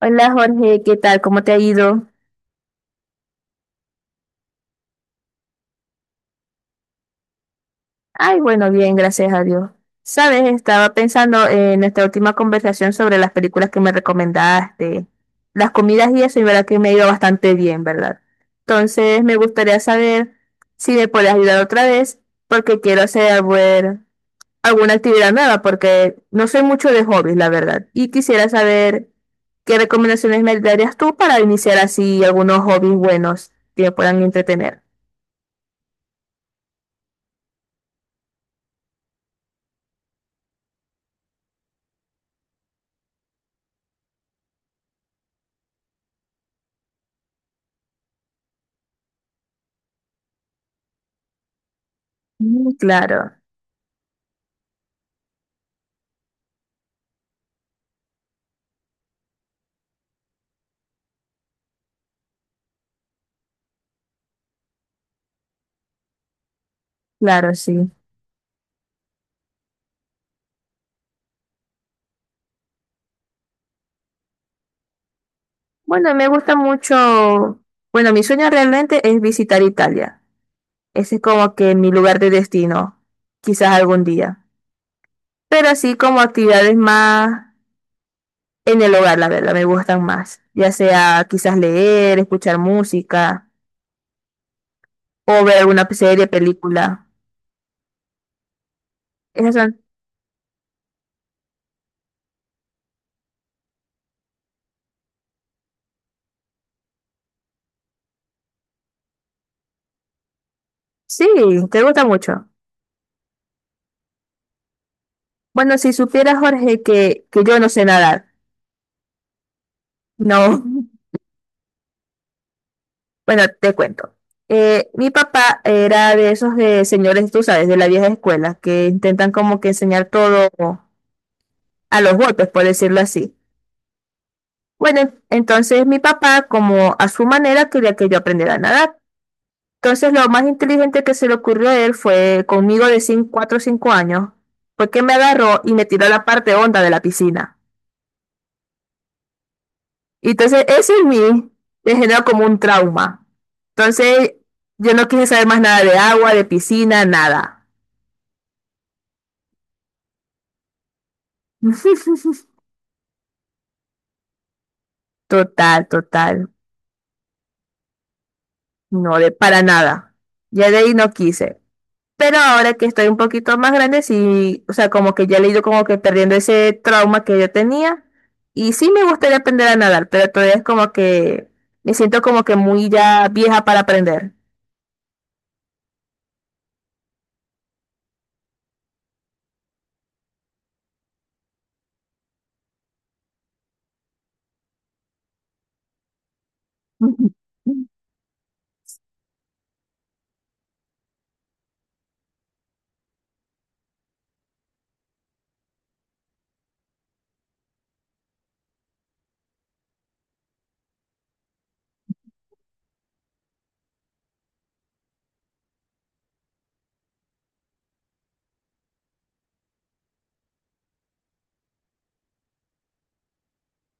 Hola Jorge, ¿qué tal? ¿Cómo te ha ido? Ay, bueno, bien, gracias a Dios. Sabes, estaba pensando en nuestra última conversación sobre las películas que me recomendaste, las comidas y eso, y verdad que me ha ido bastante bien, ¿verdad? Entonces, me gustaría saber si me puedes ayudar otra vez, porque quiero hacer bueno, alguna actividad nueva, porque no soy mucho de hobbies, la verdad. Y quisiera saber qué recomendaciones me darías tú para iniciar así algunos hobbies buenos que me puedan entretener. Mm, claro, claro, sí. Bueno, me gusta mucho, bueno, mi sueño realmente es visitar Italia. Ese es como que mi lugar de destino, quizás algún día. Pero así como actividades más en el hogar, la verdad, me gustan más. Ya sea quizás leer, escuchar música o ver alguna serie, película. Esas son. Sí, te gusta mucho. Bueno, si supieras, Jorge, que yo no sé nadar. No. Bueno, te cuento. Mi papá era de esos señores, tú sabes, de la vieja escuela, que intentan como que enseñar todo a los golpes, por decirlo así. Bueno, entonces mi papá, como a su manera, quería que yo aprendiera a nadar. Entonces lo más inteligente que se le ocurrió a él fue conmigo de 4 o 5 años, porque me agarró y me tiró a la parte honda de la piscina. Y entonces eso en mí me generó como un trauma. Entonces yo no quise saber más nada de agua, de piscina, nada. Total, total. No, de para nada. Ya de ahí no quise. Pero ahora que estoy un poquito más grande, sí, o sea, como que ya le he ido como que perdiendo ese trauma que yo tenía. Y sí me gustaría aprender a nadar, pero todavía es como que me siento como que muy ya vieja para aprender.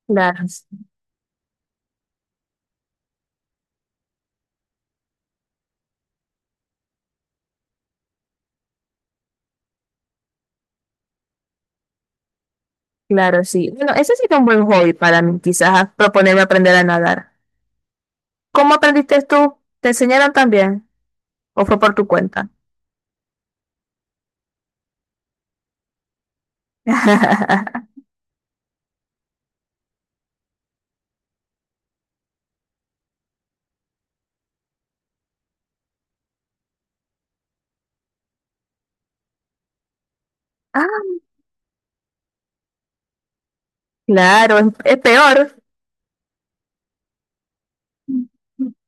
Claro, claro, sí. Bueno, ese sería un buen hobby para mí, quizás proponerme aprender a nadar. ¿Cómo aprendiste tú? ¿Te enseñaron también? ¿O fue por tu cuenta? Claro, es peor.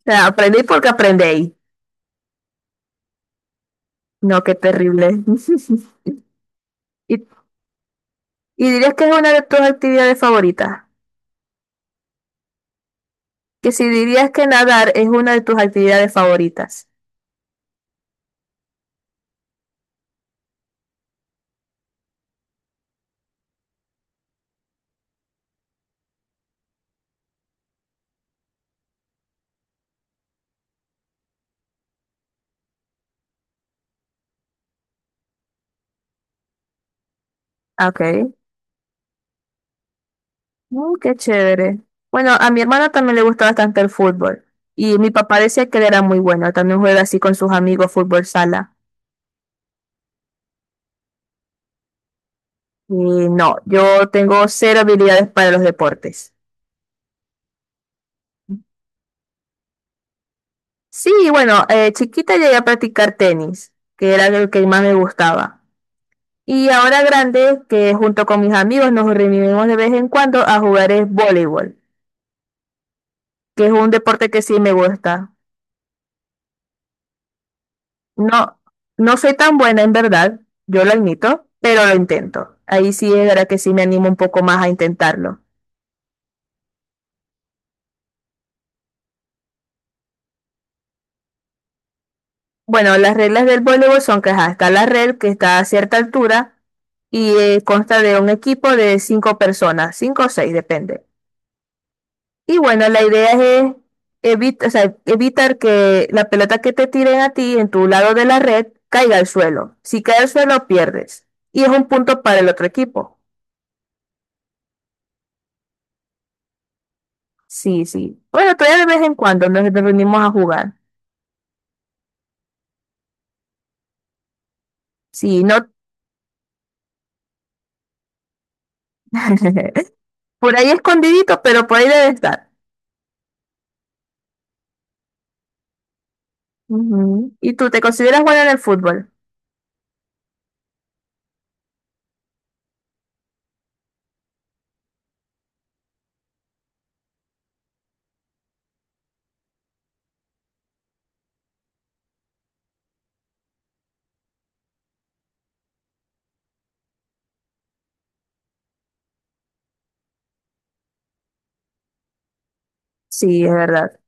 O sea, aprendí porque aprendéis. No, qué terrible. ¿Y, y dirías que es una de tus actividades favoritas? Que si dirías que nadar es una de tus actividades favoritas. Ok. Qué chévere. Bueno, a mi hermana también le gusta bastante el fútbol. Y mi papá decía que él era muy bueno. También juega así con sus amigos fútbol sala. Y no, yo tengo cero habilidades para los deportes. Sí, bueno, chiquita llegué a practicar tenis, que era el que más me gustaba. Y ahora grande, que junto con mis amigos nos reunimos de vez en cuando a jugar es voleibol, que es un deporte que sí me gusta. No, no soy tan buena en verdad, yo lo admito, pero lo intento. Ahí sí es verdad que sí me animo un poco más a intentarlo. Bueno, las reglas del voleibol son que ajá, está la red que está a cierta altura y consta de un equipo de cinco personas, cinco o seis, depende. Y bueno, la idea es o sea, evitar que la pelota que te tiren a ti en tu lado de la red caiga al suelo. Si cae al suelo, pierdes. Y es un punto para el otro equipo. Sí, sí. Bueno, todavía de vez en cuando nos reunimos a jugar. Sí, no. Por ahí escondidito, pero por ahí debe estar. Ujú. ¿Y tú te consideras bueno en el fútbol? Sí, es verdad.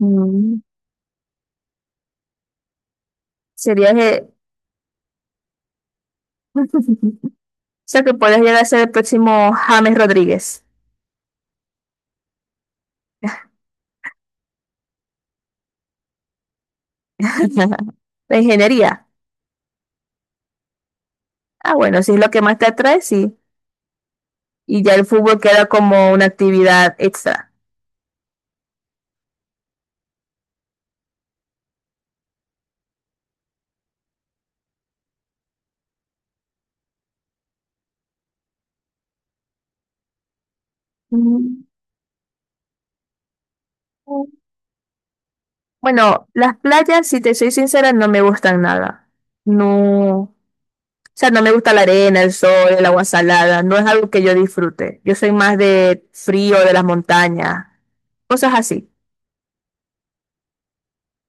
Mm. Serías. O sea, que podrías llegar a ser el próximo James Rodríguez. La ingeniería. Ah, bueno, si es lo que más te atrae, sí. Y ya el fútbol queda como una actividad extra. Mm. Bueno, las playas, si te soy sincera, no me gustan nada. No, o sea, no me gusta la arena, el sol, el agua salada. No es algo que yo disfrute. Yo soy más de frío, de las montañas, cosas así.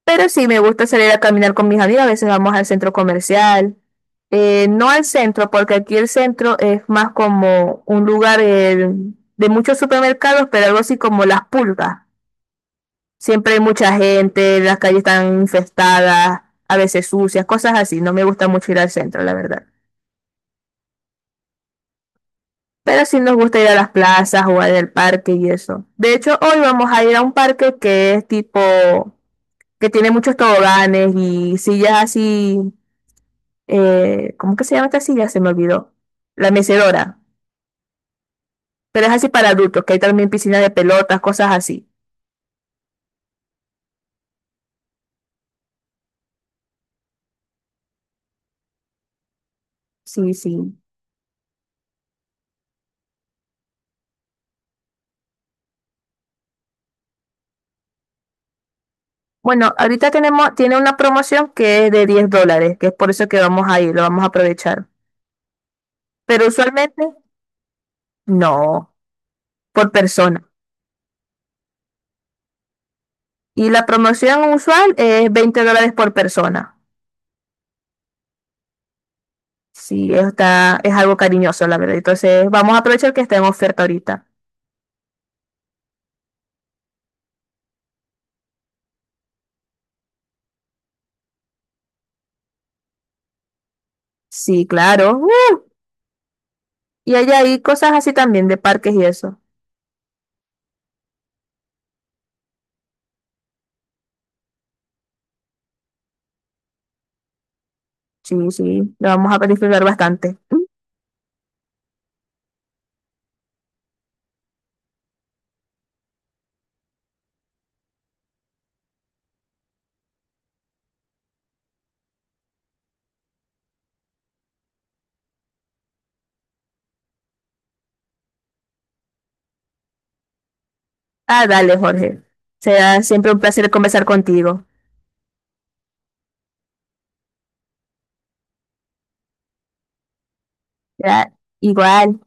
Pero sí, me gusta salir a caminar con mis amigas. A veces vamos al centro comercial. No al centro, porque aquí el centro es más como un lugar de muchos supermercados, pero algo así como las pulgas. Siempre hay mucha gente, las calles están infestadas, a veces sucias, cosas así. No me gusta mucho ir al centro, la verdad. Pero sí nos gusta ir a las plazas, jugar en el parque y eso. De hecho, hoy vamos a ir a un parque que es tipo, que tiene muchos toboganes y sillas así ¿cómo que se llama esta silla? Se me olvidó. La mecedora. Pero es así para adultos, que hay también piscina de pelotas, cosas así. Sí, sí. Bueno, ahorita tiene una promoción que es de $10, que es por eso que vamos a ir, lo vamos a aprovechar. Pero usualmente, no, por persona. Y la promoción usual es $20 por persona. Sí, es algo cariñoso, la verdad. Entonces, vamos a aprovechar que está en oferta ahorita. Sí, claro. ¡Uh! Y hay ahí cosas así también de parques y eso. Sí, sí, lo vamos a disfrutar bastante. Ah, dale, Jorge. Será siempre un placer conversar contigo. Ya, igual.